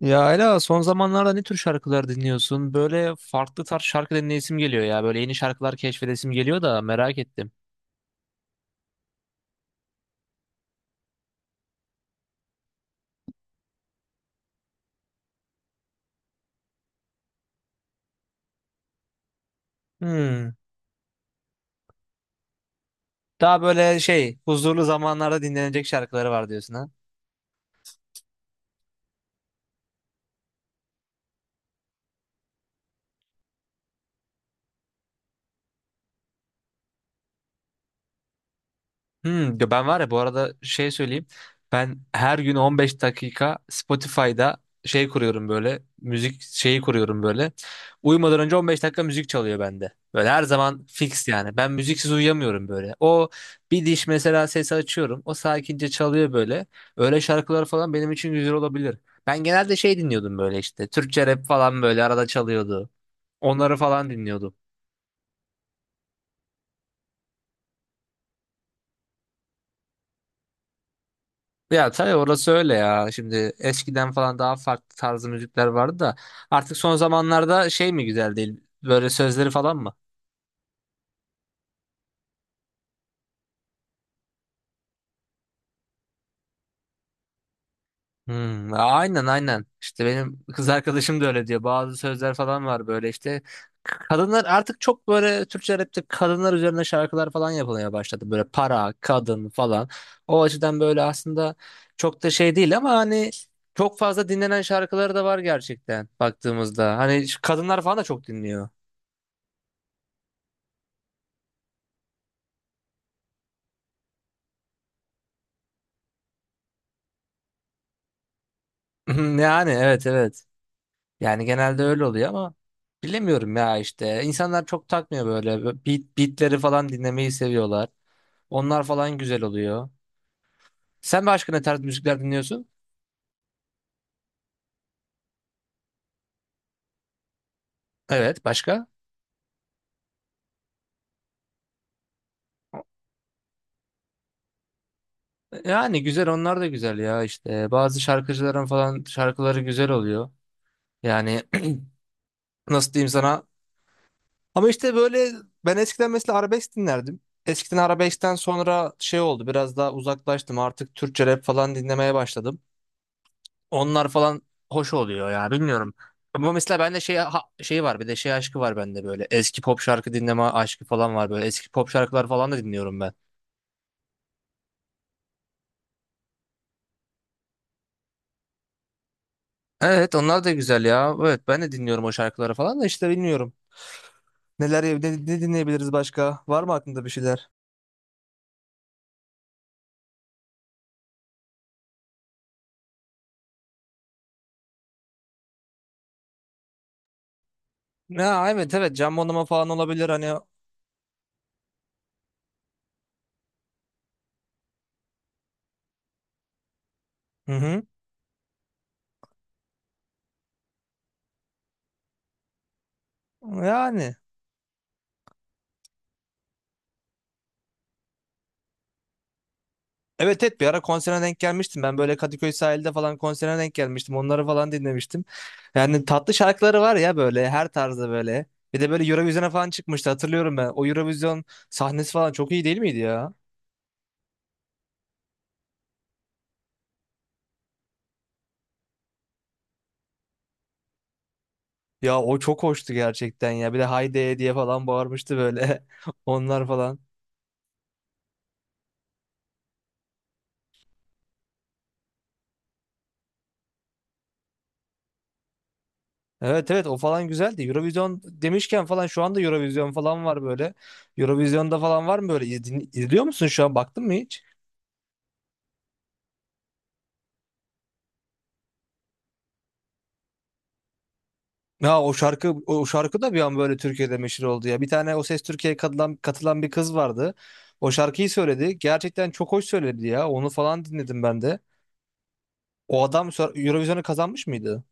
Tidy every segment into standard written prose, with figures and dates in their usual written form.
Ya Ayla son zamanlarda ne tür şarkılar dinliyorsun? Böyle farklı tarz şarkı dinleyesim geliyor ya. Böyle yeni şarkılar keşfedesim geliyor da merak ettim. Hmm. Daha böyle şey huzurlu zamanlarda dinlenecek şarkıları var diyorsun ha? Ya ben var ya bu arada şey söyleyeyim. Ben her gün 15 dakika Spotify'da şey kuruyorum böyle. Müzik şeyi kuruyorum böyle. Uyumadan önce 15 dakika müzik çalıyor bende. Böyle her zaman fix yani. Ben müziksiz uyuyamıyorum böyle. O bir diş mesela sesi açıyorum. O sakince çalıyor böyle. Öyle şarkılar falan benim için güzel olabilir. Ben genelde şey dinliyordum böyle işte. Türkçe rap falan böyle arada çalıyordu. Onları falan dinliyordum. Ya tabii orası öyle ya. Şimdi eskiden falan daha farklı tarzı müzikler vardı da artık son zamanlarda şey mi güzel değil? Böyle sözleri falan mı? Aynen aynen. İşte benim kız arkadaşım da öyle diyor. Bazı sözler falan var böyle işte. Kadınlar artık çok böyle Türkçe rapte kadınlar üzerine şarkılar falan yapılmaya başladı. Böyle para, kadın falan. O açıdan böyle aslında çok da şey değil ama hani çok fazla dinlenen şarkıları da var gerçekten baktığımızda. Hani şu kadınlar falan da çok dinliyor. Yani evet evet. Yani genelde öyle oluyor ama bilemiyorum ya işte. İnsanlar çok takmıyor böyle. Beatleri falan dinlemeyi seviyorlar. Onlar falan güzel oluyor. Sen başka ne tarz müzikler dinliyorsun? Evet başka? Yani güzel onlar da güzel ya işte. Bazı şarkıcıların falan şarkıları güzel oluyor. Yani nasıl diyeyim sana? Ama işte böyle ben eskiden mesela arabesk dinlerdim. Eskiden arabeskten sonra şey oldu biraz daha uzaklaştım artık Türkçe rap falan dinlemeye başladım. Onlar falan hoş oluyor ya bilmiyorum. Ama mesela bende şey şey var bir de şey aşkı var bende böyle. Eski pop şarkı dinleme aşkı falan var böyle. Eski pop şarkılar falan da dinliyorum ben. Evet onlar da güzel ya. Evet ben de dinliyorum o şarkıları falan da işte bilmiyorum. Neler ne dinleyebiliriz başka? Var mı aklında bir şeyler? Ya evet evet Can Bonomo falan olabilir hani. Hı hı. Yani. Evet evet bir ara konserine denk gelmiştim. Ben böyle Kadıköy sahilde falan konserine denk gelmiştim. Onları falan dinlemiştim. Yani tatlı şarkıları var ya böyle her tarzda böyle. Bir de böyle Eurovision'a falan çıkmıştı hatırlıyorum ben. O Eurovision sahnesi falan çok iyi değil miydi ya? Ya o çok hoştu gerçekten ya. Bir de Haydi diye falan bağırmıştı böyle. Onlar falan. Evet evet o falan güzeldi. Eurovision demişken falan şu anda Eurovision falan var böyle. Eurovision'da falan var mı böyle? İzliyor musun şu an baktın mı hiç? Ya o şarkı da bir an böyle Türkiye'de meşhur oldu ya. Bir tane O Ses Türkiye'ye katılan bir kız vardı. O şarkıyı söyledi. Gerçekten çok hoş söyledi ya. Onu falan dinledim ben de. O adam Eurovision'u kazanmış mıydı?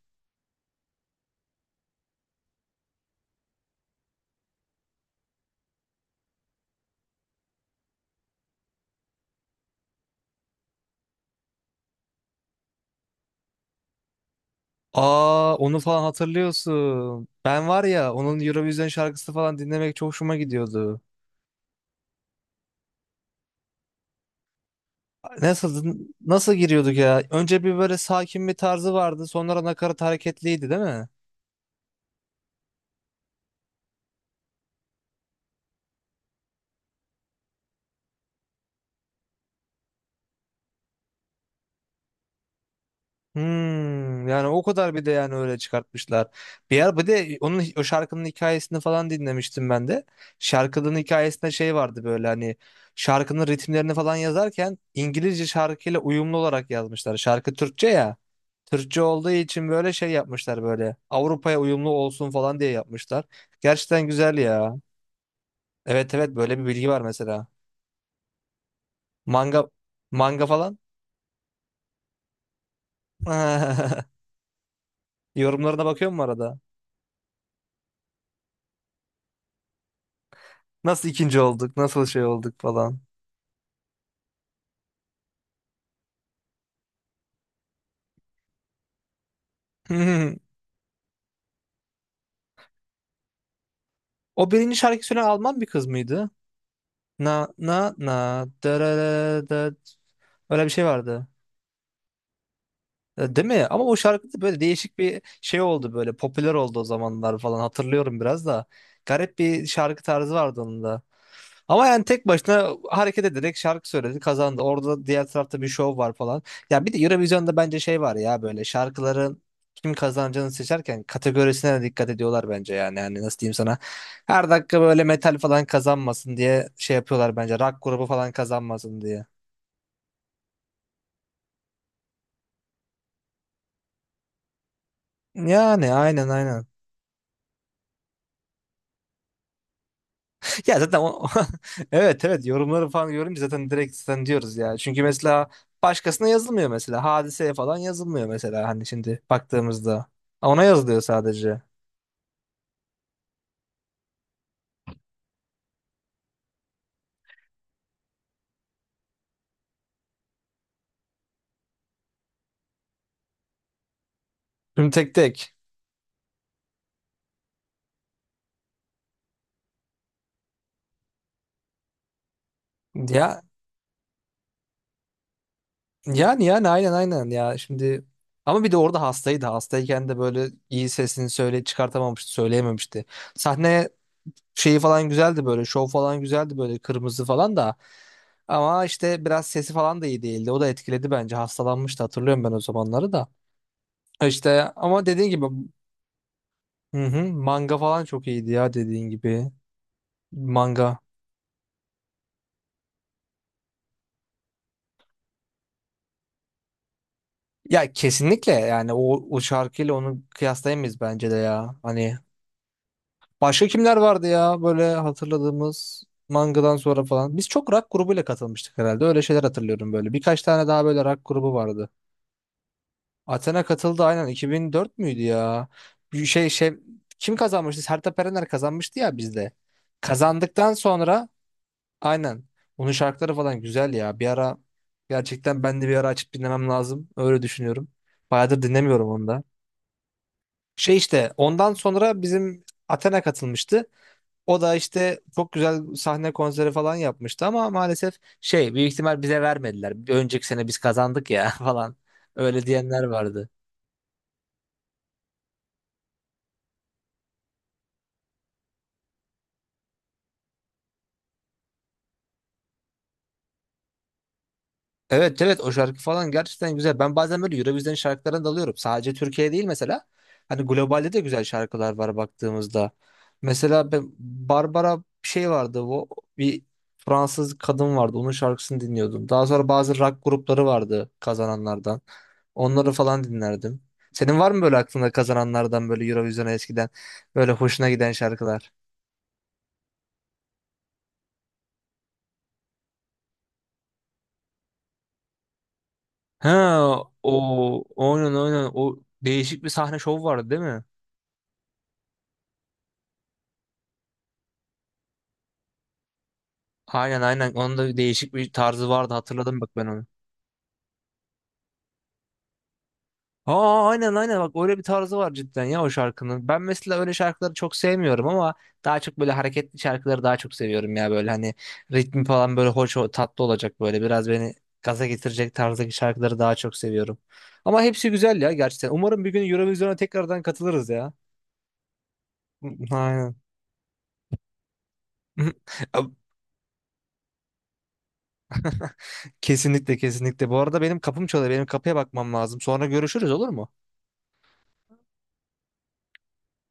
Aa onu falan hatırlıyorsun. Ben var ya onun Eurovision şarkısı falan dinlemek çok hoşuma gidiyordu. Nasıl nasıl giriyorduk ya? Önce bir böyle sakin bir tarzı vardı. Sonra nakarat hareketliydi değil mi? Yani o kadar bir de yani öyle çıkartmışlar. Bir ara bir de onun o şarkının hikayesini falan dinlemiştim ben de. Şarkının hikayesinde şey vardı böyle hani şarkının ritimlerini falan yazarken İngilizce şarkıyla uyumlu olarak yazmışlar. Şarkı Türkçe ya. Türkçe olduğu için böyle şey yapmışlar böyle. Avrupa'ya uyumlu olsun falan diye yapmışlar. Gerçekten güzel ya. Evet evet böyle bir bilgi var mesela. Manga manga falan. Yorumlarına bakıyor mu arada? Nasıl ikinci olduk? Nasıl şey olduk falan. Hmm. O birinci şarkı söyleyen Alman bir kız mıydı? Na na na da da da da. Öyle bir şey vardı. E, değil mi? Ama o şarkıda böyle değişik bir şey oldu böyle. Popüler oldu o zamanlar falan. Hatırlıyorum biraz da. Garip bir şarkı tarzı vardı onun da. Ama yani tek başına hareket ederek şarkı söyledi, kazandı. Orada diğer tarafta bir şov var falan. Ya bir de Eurovision'da bence şey var ya böyle şarkıların kim kazanacağını seçerken kategorisine de dikkat ediyorlar bence yani. Yani nasıl diyeyim sana? Her dakika böyle metal falan kazanmasın diye şey yapıyorlar bence. Rock grubu falan kazanmasın diye. Yani aynen aynen. Ya zaten o, evet evet yorumları falan görünce zaten direkt zaten diyoruz ya. Çünkü mesela başkasına yazılmıyor mesela. Hadiseye falan yazılmıyor mesela hani şimdi baktığımızda. Ona yazılıyor sadece. Tüm tek tek. Ya yani aynen aynen ya şimdi ama bir de orada hastaydı. Hastayken de böyle iyi sesini söyle çıkartamamıştı, söyleyememişti. Sahne şeyi falan güzeldi böyle, şov falan güzeldi böyle kırmızı falan da ama işte biraz sesi falan da iyi değildi. O da etkiledi bence. Hastalanmıştı hatırlıyorum ben o zamanları da. İşte ama dediğin gibi hı hı, manga falan çok iyiydi ya dediğin gibi. Manga. Ya kesinlikle yani o şarkıyla onu kıyaslayamayız bence de ya. Hani başka kimler vardı ya böyle hatırladığımız mangadan sonra falan. Biz çok rock grubuyla katılmıştık herhalde. Öyle şeyler hatırlıyorum böyle. Birkaç tane daha böyle rock grubu vardı. Athena katıldı aynen 2004 müydü ya? Bir şey kim kazanmıştı? Sertab Erener kazanmıştı ya bizde. Kazandıktan sonra aynen. Onun şarkıları falan güzel ya. Bir ara gerçekten ben de bir ara açıp dinlemem lazım. Öyle düşünüyorum. Bayağıdır dinlemiyorum onu da. Şey işte ondan sonra bizim Athena katılmıştı. O da işte çok güzel sahne konseri falan yapmıştı ama maalesef şey büyük ihtimal bize vermediler. Bir önceki sene biz kazandık ya falan. Öyle diyenler vardı. Evet evet o şarkı falan gerçekten güzel. Ben bazen böyle Eurovision şarkılarına dalıyorum. Sadece Türkiye değil mesela. Hani globalde de güzel şarkılar var baktığımızda. Mesela ben Barbara bir şey vardı. O bir Fransız kadın vardı. Onun şarkısını dinliyordum. Daha sonra bazı rock grupları vardı kazananlardan. Onları falan dinlerdim. Senin var mı böyle aklında kazananlardan böyle Eurovision'a eskiden böyle hoşuna giden şarkılar? Ha o oynan o değişik bir sahne şovu vardı değil mi? Aynen aynen. Onun da değişik bir tarzı vardı. Hatırladım bak ben onu. Aa aynen aynen bak öyle bir tarzı var cidden ya o şarkının. Ben mesela öyle şarkıları çok sevmiyorum ama daha çok böyle hareketli şarkıları daha çok seviyorum ya böyle hani ritmi falan böyle hoş tatlı olacak böyle biraz beni gaza getirecek tarzdaki şarkıları daha çok seviyorum. Ama hepsi güzel ya gerçekten. Umarım bir gün Eurovision'a tekrardan katılırız ya. Aynen. Kesinlikle kesinlikle. Bu arada benim kapım çalıyor. Benim kapıya bakmam lazım. Sonra görüşürüz olur mu?